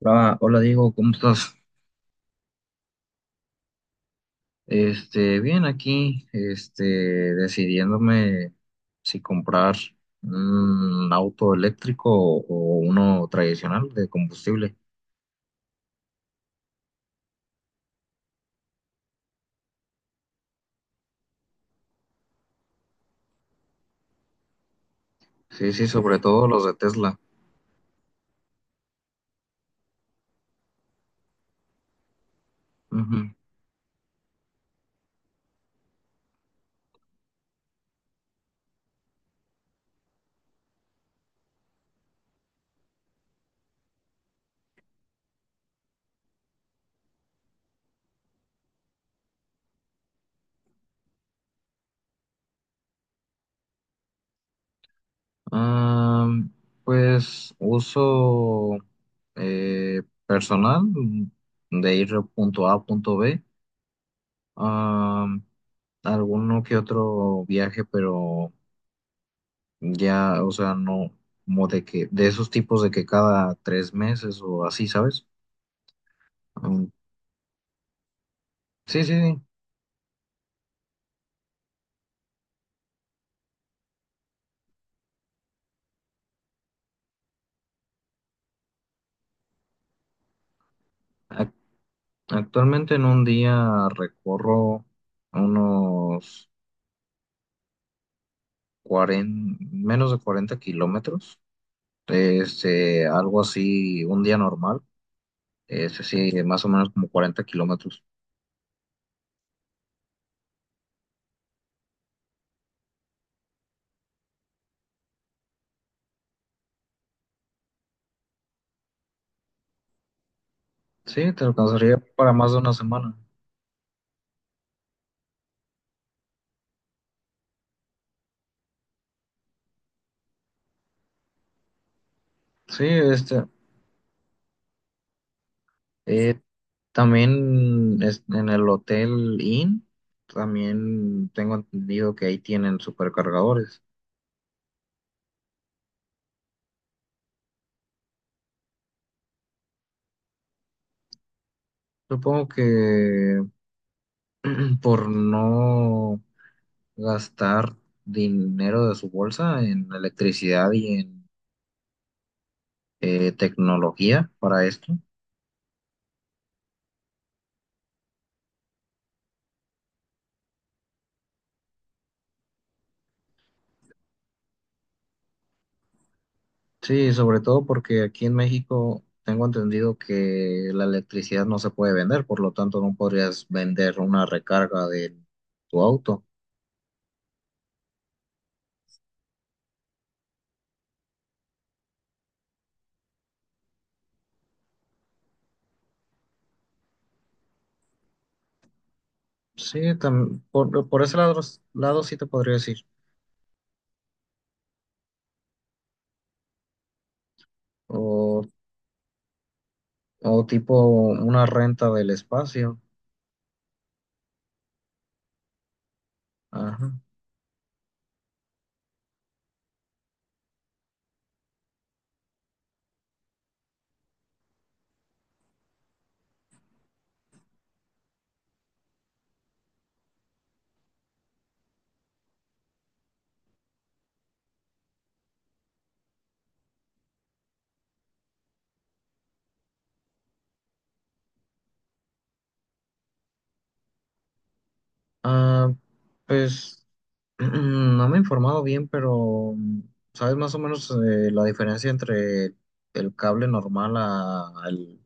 Hola, hola Diego, ¿cómo estás? Bien aquí, decidiéndome si comprar un auto eléctrico o uno tradicional de combustible. Sí, sí, sobre todo los de Tesla. Ujú. Ah, pues uso personal, de ir de punto A a punto B. Ah, alguno que otro viaje, pero ya, o sea, no, como de que, de esos tipos de que cada tres meses o así, ¿sabes? Mm, sí, sí, sí. Ac- actualmente en un día recorro unos 40, menos de 40 kilómetros. Algo así, un día normal. Sí, más o menos como 40 kilómetros. Sí, te alcanzaría para más de una semana. Sí. Eh, también en el Hotel Inn, también tengo entendido que ahí tienen supercargadores. Supongo que por no gastar dinero de su bolsa en electricidad y en tecnología para esto. Sí, sobre todo porque aquí en México tengo entendido que la electricidad no se puede vender, por lo tanto no podrías vender una recarga de tu auto. Sí, por ese lado sí te podría decir. O, o tipo una renta del espacio. Ajá. Ah, pues no me he informado bien, pero ¿sabes más o menos la diferencia entre el cable normal a- al,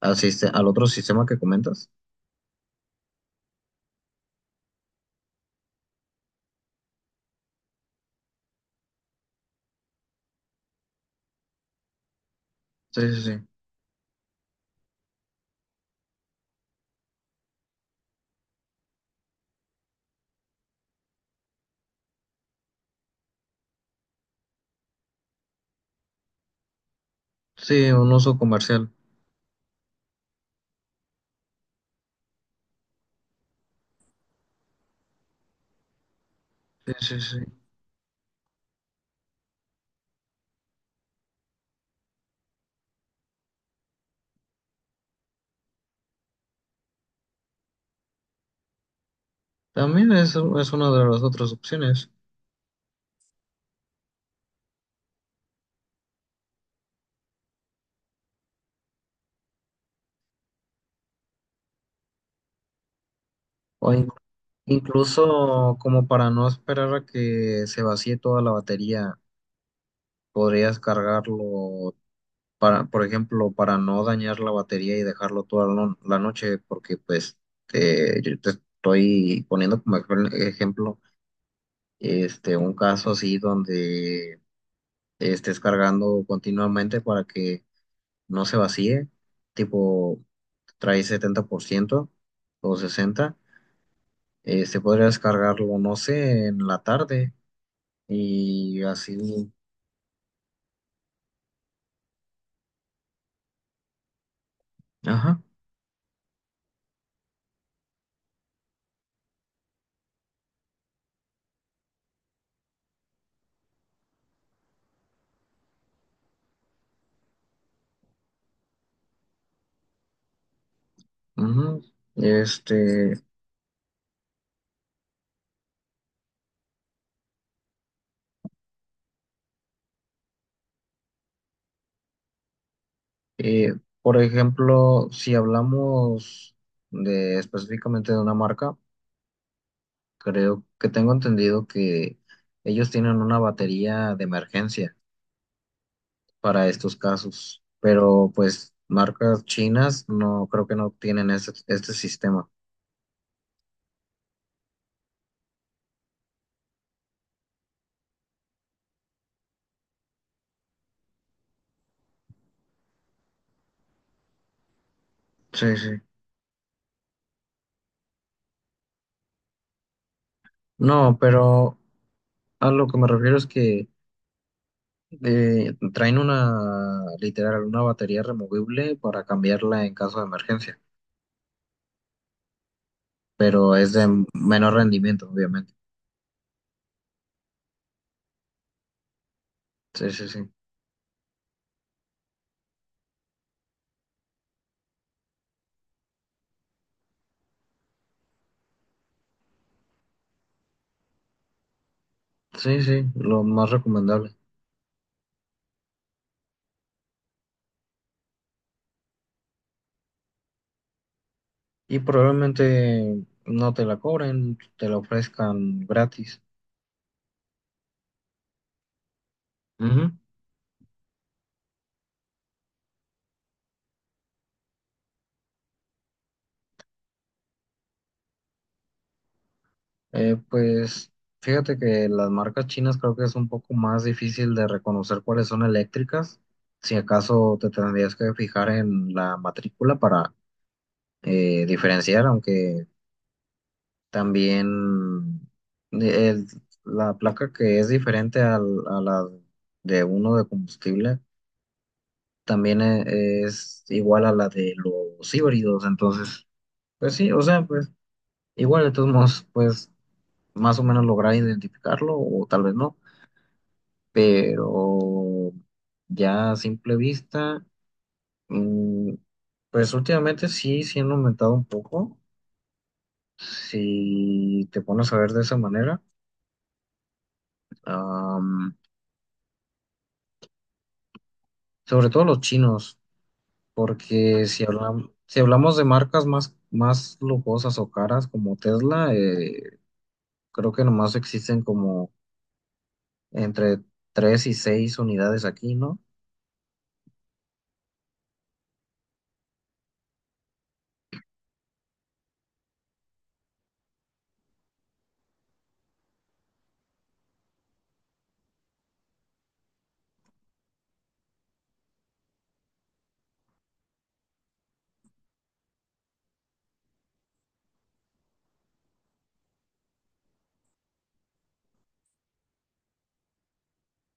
al al otro sistema que comentas? Sí, sí, sí. Sí, un uso comercial. Sí, sí, sí. También es una de las otras opciones. O, in- Incluso, como para no esperar a que se vacíe toda la batería, podrías cargarlo, para, por ejemplo, para no dañar la batería, y dejarlo toda la la noche, porque pues yo te estoy poniendo como ejemplo un caso así donde estés cargando continuamente para que no se vacíe, tipo trae 70% o 60, podrías cargarlo, no sé, en la tarde y así, ajá, ujú. Este, eh, por ejemplo, si hablamos de específicamente de una marca, creo que tengo entendido que ellos tienen una batería de emergencia para estos casos, pero pues marcas chinas no creo, que no tienen este sistema. Sí, sí. No, pero a lo que me refiero es que traen una, literal, una batería removible para cambiarla en caso de emergencia, pero es de menor rendimiento, obviamente. Sí, sí, sí. Sí, sí, lo más recomendable. Y probablemente no te la cobren, te la ofrezcan gratis. Ujú. Pues fíjate que las marcas chinas, creo que es un poco más difícil de reconocer cuáles son eléctricas. Si acaso te tendrías que fijar en la matrícula para diferenciar, aunque también eh, el- la placa, que es diferente a la de uno de combustible, también es igual a la de los híbridos. Entonces, pues sí, o sea, pues igual, de todos modos, pues más o menos lograr identificarlo o tal vez no, pero ya, a simple vista, mm, pues últimamente sí han aumentado un poco, si te pones a ver de esa manera. Sobre todo los chinos, porque si hablamos de marcas más lujosas o caras como Tesla, creo que nomás existen como entre tres y seis unidades aquí, ¿no?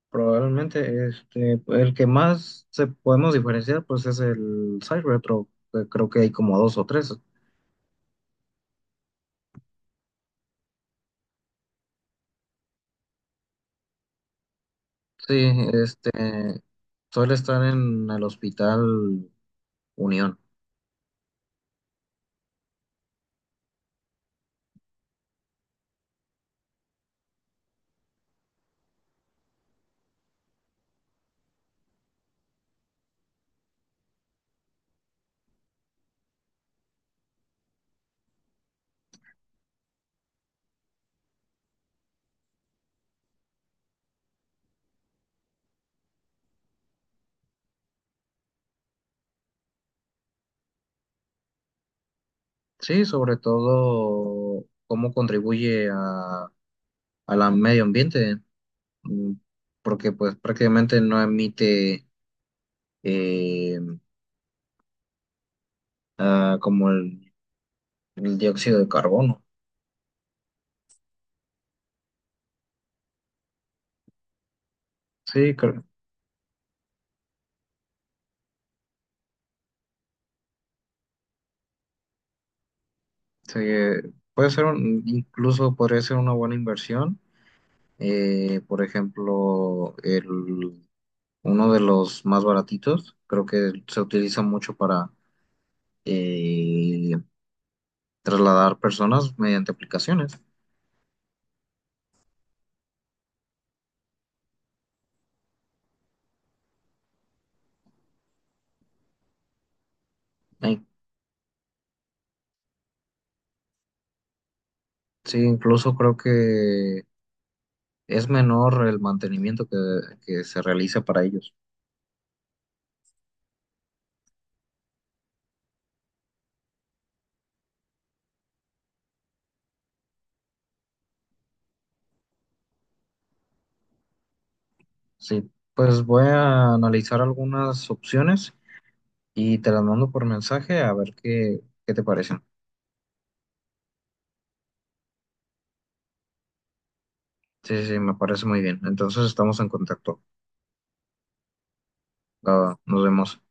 Probablemente el que más se podemos diferenciar pues es el Cybertruck, que creo que hay como dos o tres. Sí, este suele estar en el Hospital Unión. Sí, sobre todo cómo contribuye a la medio ambiente, mm, porque pues prácticamente no emite eh, como el dióxido de carbono. Sí, sí, puede ser incluso podría ser una buena inversión. Por ejemplo, uno de los más baratitos, creo que se utiliza mucho para eh, trasladar personas mediante aplicaciones. Ay, sí, incluso creo que es menor el mantenimiento que se realiza para ellos. Sí, pues voy a analizar algunas opciones y te las mando por mensaje a ver qué te parecen. Sí, sí, sí, me parece muy bien. Entonces estamos en contacto. Ah, nos vemos.